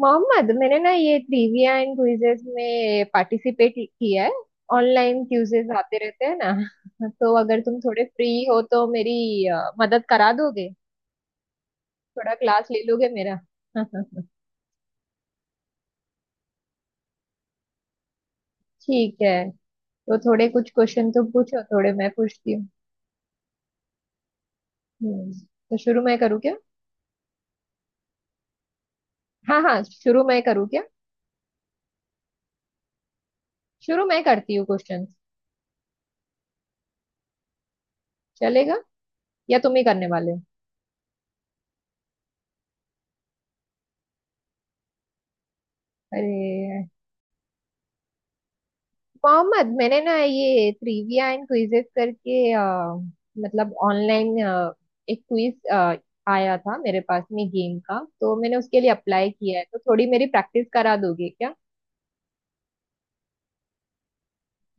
मोहम्मद मैंने ना ये ट्रिविया एंड क्विजेस में पार्टिसिपेट किया है। ऑनलाइन क्विजेस आते रहते हैं ना तो अगर तुम थोड़े फ्री हो तो मेरी मदद करा दोगे। थोड़ा क्लास ले लोगे मेरा ठीक है। तो थोड़े कुछ क्वेश्चन तुम पूछो, थोड़े मैं पूछती हूँ। हम्म, तो शुरू मैं करूँ क्या। हाँ हाँ, शुरू मैं करूँ क्या। शुरू मैं करती हूँ क्वेश्चन। चलेगा या तुम ही करने वाले हो? अरे मोहम्मद, मैंने ना ये ट्रिविया एंड क्विजेस करके मतलब ऑनलाइन एक क्विज आया था मेरे पास में गेम का, तो मैंने उसके लिए अप्लाई किया है। तो थोड़ी मेरी प्रैक्टिस करा दोगे क्या।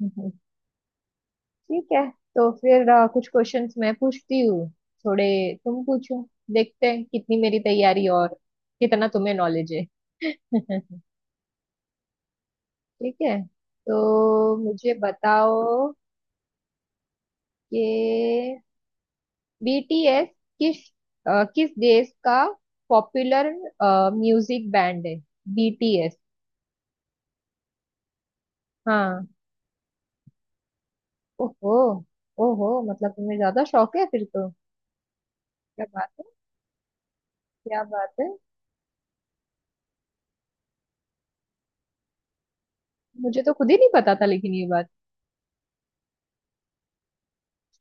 हम्म, ठीक है। तो फिर कुछ क्वेश्चंस मैं पूछती हूँ, थोड़े तुम पूछो। देखते हैं कितनी मेरी तैयारी और कितना तुम्हें नॉलेज है ठीक है, तो मुझे बताओ कि बीटीएस किस किस देश का पॉपुलर म्यूजिक बैंड है, बीटीएस। हाँ। ओहो। ओहो, मतलब तुम्हें ज्यादा शौक है फिर तो। क्या बात है, क्या बात है। मुझे तो खुद ही नहीं पता था लेकिन ये बात।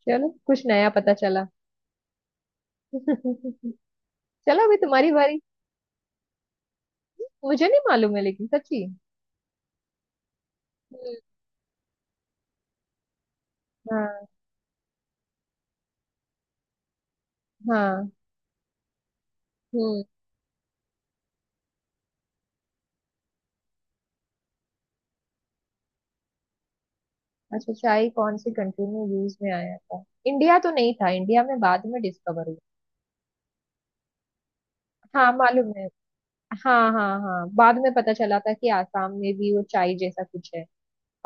चलो कुछ नया पता चला चलो अभी तुम्हारी बारी। मुझे नहीं मालूम है लेकिन सच्ची। हम्म, हाँ हाँ। हम्म, अच्छा चाय कौन सी कंट्री में यूज में आया था। इंडिया तो नहीं था, इंडिया में बाद में डिस्कवर हुआ। हाँ मालूम है। हाँ हाँ हाँ, बाद में पता चला था कि आसाम में भी वो चाय जैसा कुछ है।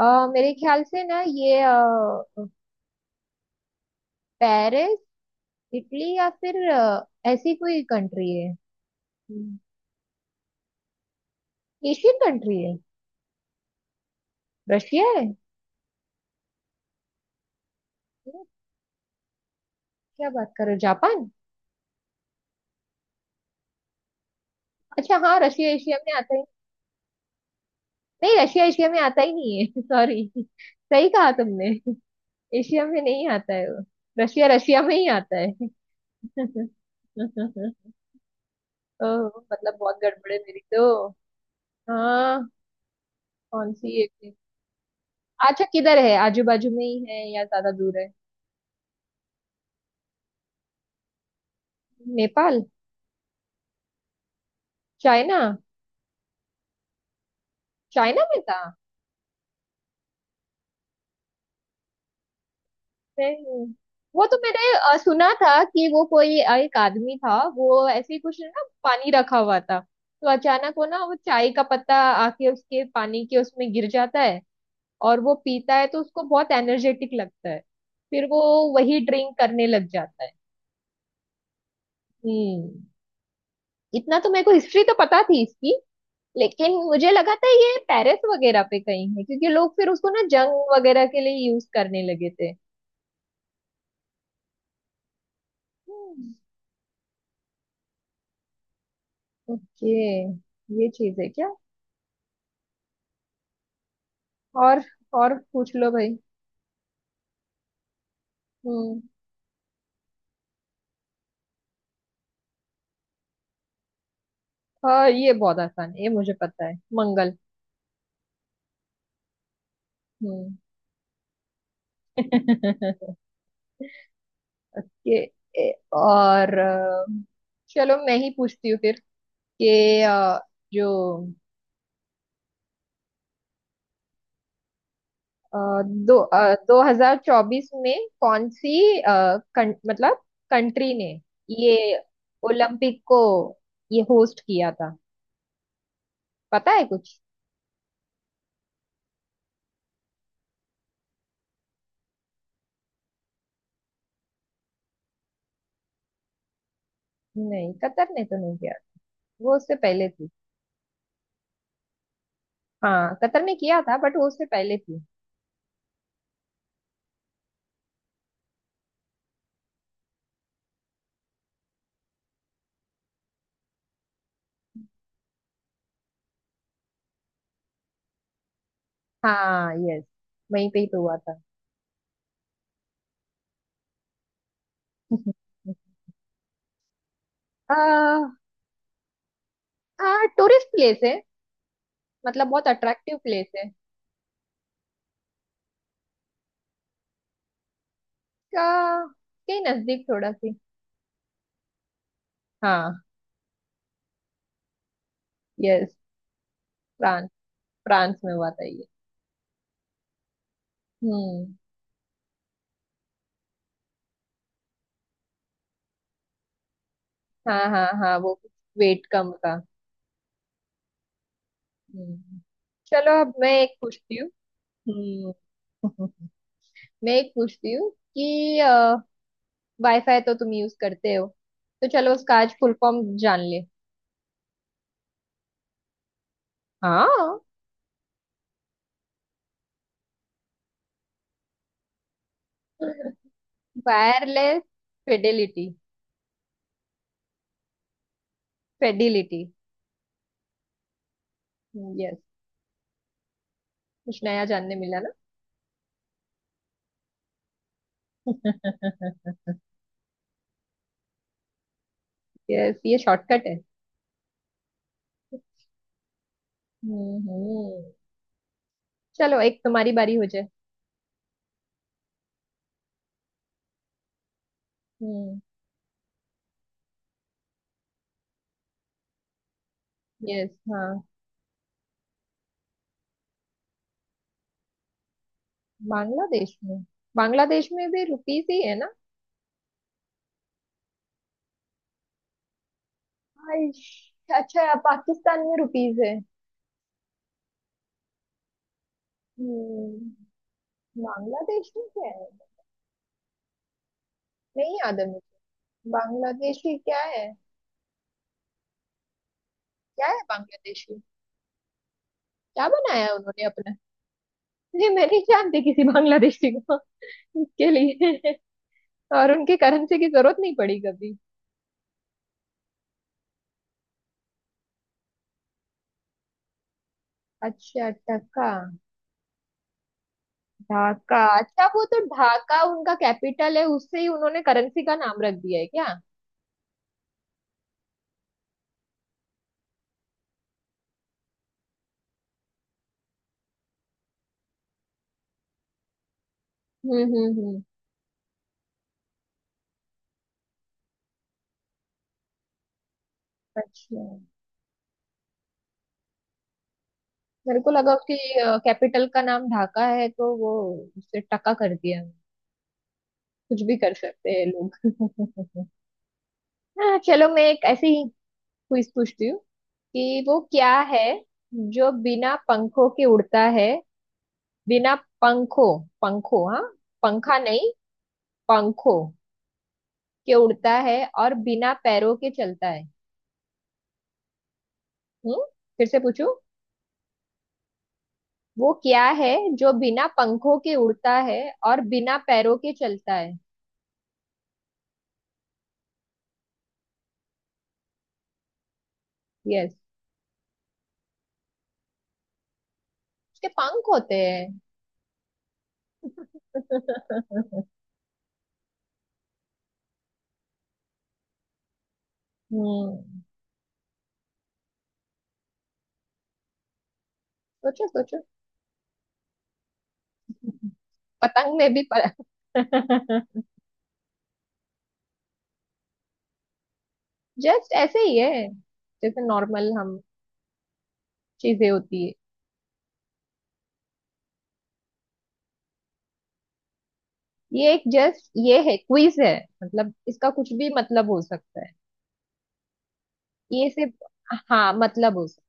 मेरे ख्याल से ना ये पेरिस, इटली या फिर ऐसी कोई कंट्री है। हम्म। एशियन कंट्री है। रशिया है ये। क्या बात कर रहे हो, जापान। अच्छा हाँ, रशिया एशिया में आता ही। नहीं, रशिया एशिया में आता ही नहीं है सॉरी, सही कहा तुमने। एशिया में नहीं आता है वो, रशिया रशिया में ही आता है ओ, मतलब बहुत गड़बड़ है मेरी तो। हाँ। कौन सी एक है? अच्छा किधर है, आजू बाजू में ही है या ज्यादा दूर है। नेपाल। चाइना। चाइना में था। नहीं, वो तो मैंने सुना था कि वो कोई एक आदमी था, वो ऐसे ही कुछ ना पानी रखा हुआ था। तो अचानक वो ना, वो चाय का पत्ता आके उसके पानी के उसमें गिर जाता है। और वो पीता है तो उसको बहुत एनर्जेटिक लगता है। फिर वो वही ड्रिंक करने लग जाता है। हम्म, इतना तो मेरे को हिस्ट्री तो पता थी इसकी, लेकिन मुझे लगा था ये पेरिस वगैरह पे कहीं है, क्योंकि लोग फिर उसको ना जंग वगैरह के लिए यूज करने लगे थे। हम्म। ओके, ये चीज है क्या। और और पूछ लो भाई। हम्म। हाँ ये बहुत आसान है, ये मुझे पता है, मंगल। हम्म ये ए, और चलो मैं ही पूछती हूँ फिर कि जो अ, दो हजार चौबीस में कौन सी अ, मतलब कंट्री ने ये ओलंपिक को ये होस्ट किया था, पता है कुछ। नहीं, कतर ने तो नहीं किया, वो उससे पहले थी। हाँ, कतर ने किया था बट वो उससे पहले थी। हाँ यस, वहीं पे ही तो हुआ था आ, आ, टूरिस्ट प्लेस है, मतलब बहुत अट्रैक्टिव प्लेस है। का, के नजदीक थोड़ा सी। हाँ यस। फ्रांस, फ्रांस में हुआ था ये। हम्म। हाँ हाँ हाँ, वो वेट कम का। हम्म। चलो अब मैं एक पूछती हूँ। हम्म मैं एक पूछती हूँ कि वाईफाई तो तुम यूज करते हो, तो चलो उसका आज फुल फॉर्म जान ले। हाँ वायरलेस। फिडेलिटी। फेडिलिटी। यस। कुछ नया जानने मिला ना यस, ये शॉर्टकट है। हम्म हम्म। चलो एक तुम्हारी बारी हो जाए। हम्म। यस हाँ। बांग्लादेश में, बांग्लादेश में भी रुपीस ही है। आइश, अच्छा पाकिस्तान में रुपीज है। हम्म, बांग्लादेश में क्या है, नहीं याद है मुझे। बांग्लादेशी क्या है, क्या है बांग्लादेशी, क्या बनाया है उन्होंने अपना। ये मैं नहीं जानती किसी बांग्लादेशी को। इसके लिए और उनके करेंसी की जरूरत नहीं पड़ी कभी। अच्छा, टका। ढाका, अच्छा वो तो ढाका उनका कैपिटल है, उससे ही उन्होंने करेंसी का नाम रख दिया है क्या। हम्म। अच्छा, मेरे को लगा उसकी कैपिटल का नाम ढाका है तो वो उससे टका कर दिया। कुछ भी कर सकते हैं लोग हाँ, चलो मैं एक ऐसी ही क्विज पूछती हूँ कि वो क्या है जो बिना पंखों के उड़ता है। बिना पंखों। पंखों, हाँ पंखा नहीं, पंखों के उड़ता है और बिना पैरों के चलता है। हम्म, फिर से पूछू। वो क्या है जो बिना पंखों के उड़ता है और बिना पैरों के चलता है। यस। उसके पंख होते हैं। हम्म, सोचो सोचो। पतंग में भी पर... जस्ट ऐसे ही है, जैसे नॉर्मल हम चीजें होती है। ये एक जस्ट ये है, क्विज है, मतलब इसका कुछ भी मतलब हो सकता है। ये सिर्फ, हाँ मतलब हो सकता।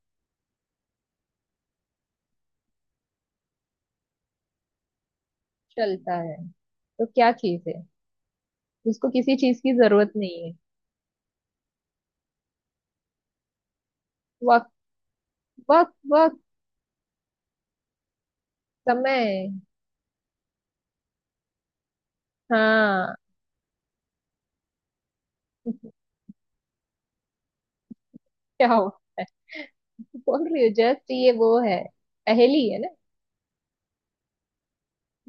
चलता है तो क्या चीज है जिसको किसी चीज की जरूरत नहीं है। वक्त, वक्त वक्त। समय। हाँ क्या हुआ, बोल रही हो जस्ट ये वो है। पहेली है ना।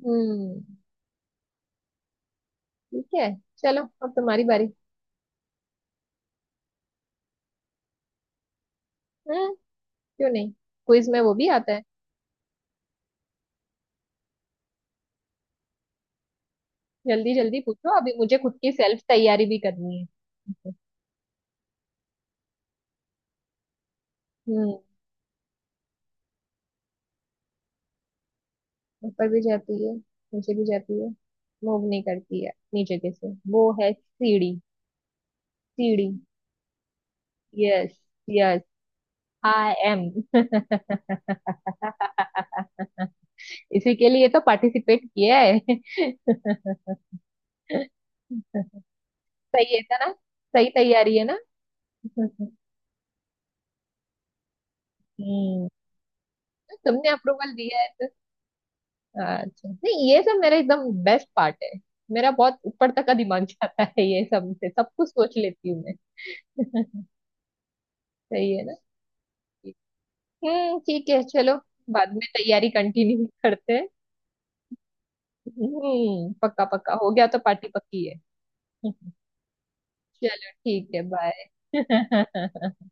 हम्म, ठीक है। चलो अब तुम्हारी बारी। हैं? क्यों नहीं, क्विज में वो भी आता है। जल्दी जल्दी पूछो, अभी मुझे खुद की सेल्फ तैयारी भी करनी है। हम्म। ऊपर भी जाती है, नीचे भी जाती है। मूव नहीं करती है, नीचे कैसे, वो है सीढ़ी। सीढ़ी। यस यस, आई एम इसी के लिए तो पार्टिसिपेट किया है सही है, था ना। सही तैयारी है ना हम्म। तुमने अप्रूवल दिया है तो। अच्छा नहीं, ये सब मेरा एकदम बेस्ट पार्ट है। मेरा बहुत ऊपर तक का दिमाग जाता है, ये सब से सब कुछ सोच लेती हूँ मैं सही है ना। हम्म, ठीक है चलो, बाद में तैयारी कंटिन्यू करते हैं। हम्म, पक्का पक्का हो गया तो पार्टी पक्की है चलो ठीक है, बाय